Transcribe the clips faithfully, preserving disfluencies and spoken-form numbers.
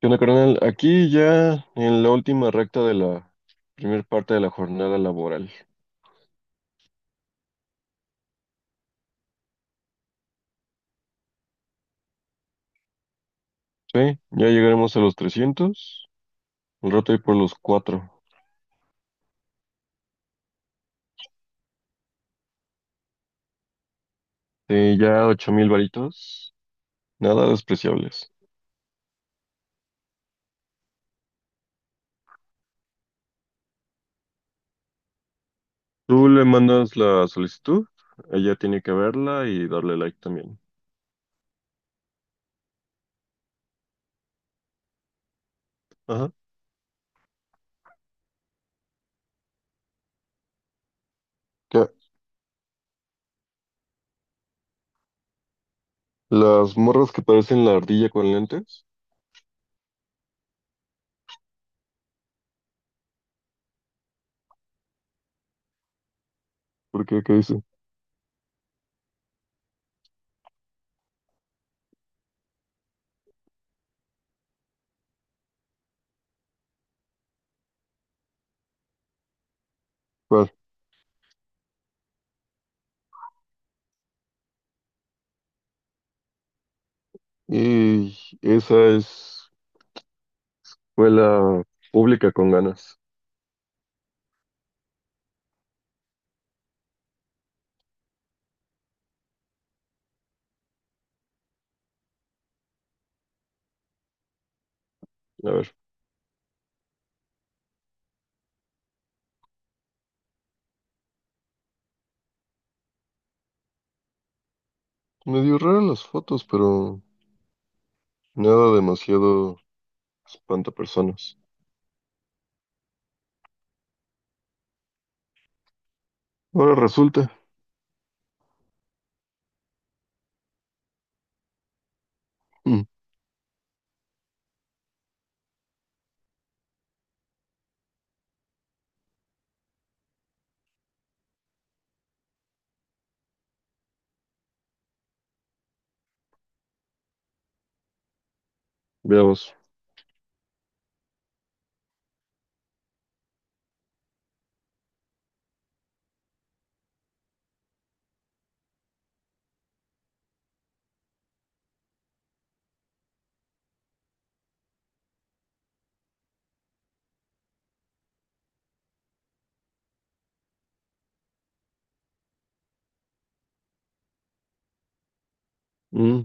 ¿Qué onda, carnal? Aquí ya en la última recta de la primera parte de la jornada laboral. Sí, ya llegaremos a los trescientos, un rato ahí por los cuatro. Sí, ya ocho mil varitos, nada despreciables. Tú le mandas la solicitud, ella tiene que verla y darle like también. Ajá. ¿Qué? Las morras que parecen la ardilla con lentes, ¿por qué? ¿Qué dice? ¿Cuál? Y esa es escuela pública con ganas. A ver, medio raras las fotos, pero nada demasiado espantapersonas. Ahora resulta. Mm, veamos. Mm.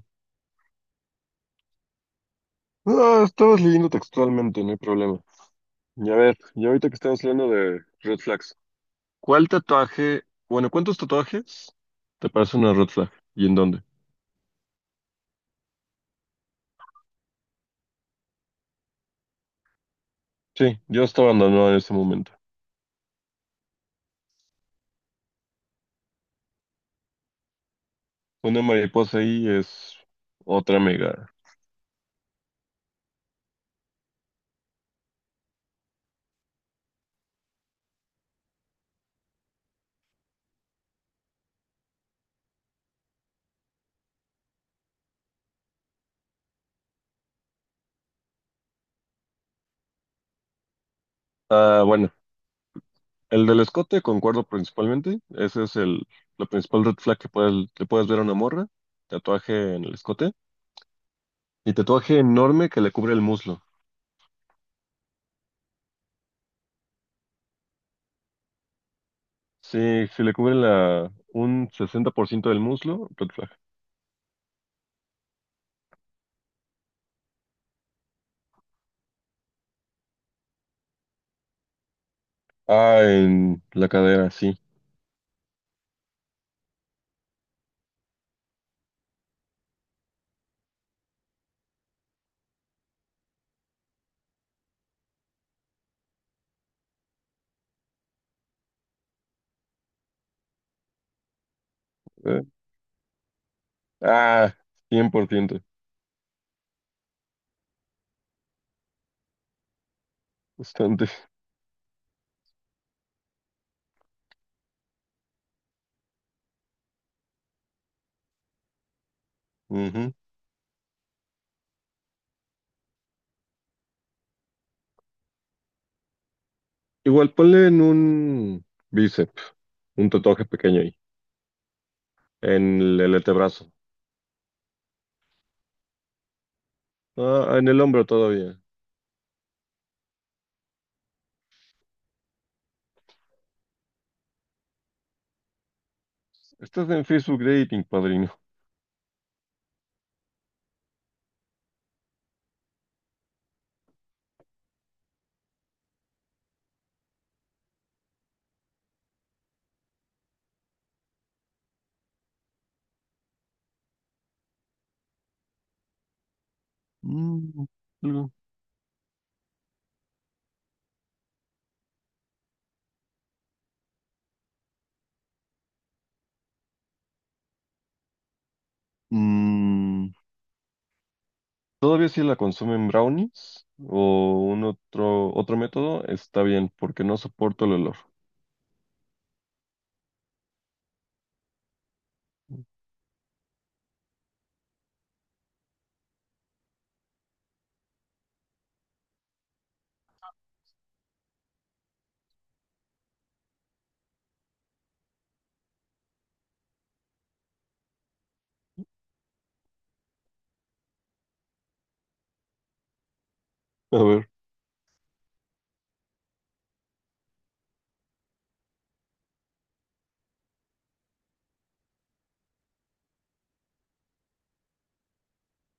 Ah, estabas leyendo textualmente, no hay problema. Y a ver, y ahorita que estamos leyendo de red flags, ¿cuál tatuaje, bueno, cuántos tatuajes te parece una red flag? ¿Y en dónde? Sí, yo estaba abandonado en ese momento. Una mariposa ahí es otra mega. Ah, bueno, el del escote concuerdo principalmente. Ese es el, la principal red flag que puedes, que puedes ver a una morra. Tatuaje en el escote. Y tatuaje enorme que le cubre el muslo. Sí, si le cubre la, un sesenta por ciento del muslo, red flag. Ah, en la cadera, sí. Eh, Ah, cien por ciento, bastante. Ujú. Igual ponle en un bíceps, un tatuaje pequeño ahí, en el, el antebrazo. Ah, en el hombro todavía. Estás en Facebook Dating, padrino. Mm, algo. Mm, todavía si la consumen brownies o un otro, otro método, está bien, porque no soporto el olor. A ver,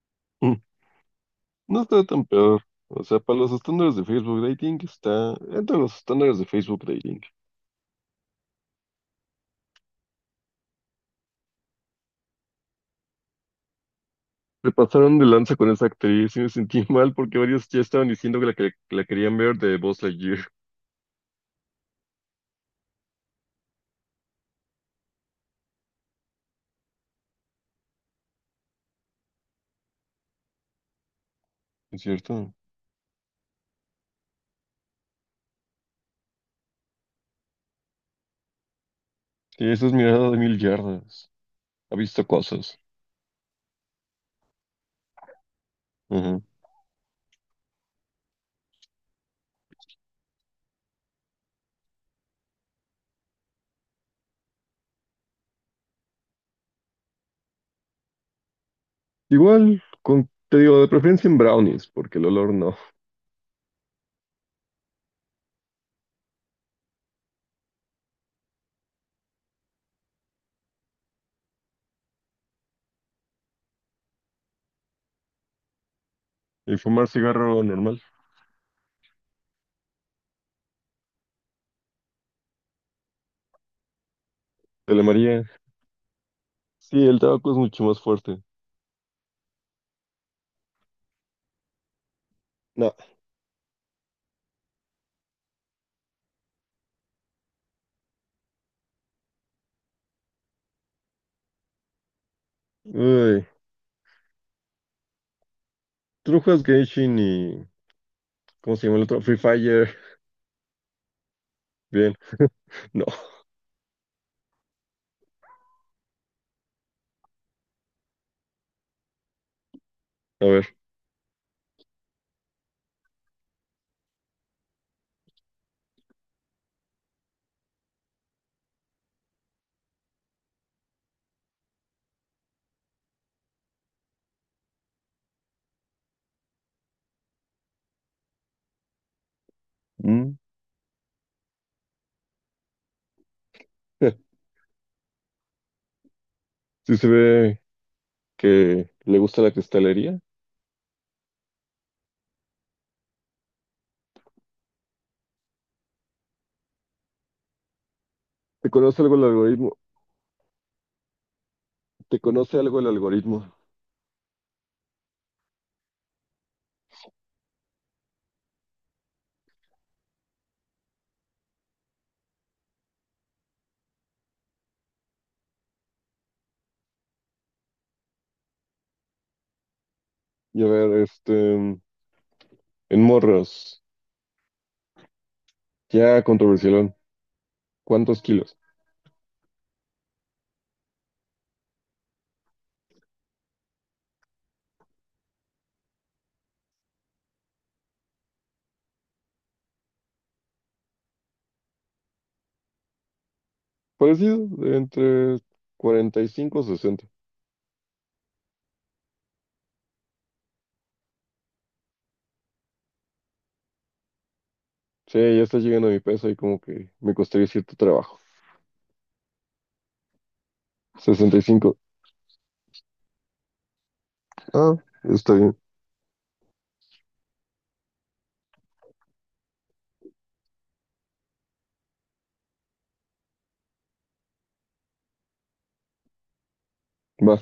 mm, no está tan peor. O sea, para los estándares de Facebook Dating está entre los estándares de Facebook Dating. Se pasaron de lanza con esa actriz y me sentí mal porque varios ya estaban diciendo que la, que que la querían ver de Buzz Lightyear. ¿Es cierto? Sí, esa es mirada de mil yardas. Ha visto cosas. Ujú. Igual, con, te digo, de preferencia en brownies, porque el olor no. Y fumar cigarro normal. Te la María. Sí, el tabaco es mucho más fuerte. No. Uy. ¿Tú no juegas Genshin y cómo se llama el otro? Free Fire. Bien. No. A ver. Mm. Sí se ve que le gusta la cristalería. ¿Te conoce algo el algoritmo? ¿Te conoce algo el algoritmo? Y a ver, este, en morros. Ya controversialón. ¿Cuántos kilos? Parecido, de entre cuarenta y cinco o sesenta. Sí, ya está llegando a mi peso y como que me costaría cierto trabajo. sesenta y cinco. Ah, está bien. Va.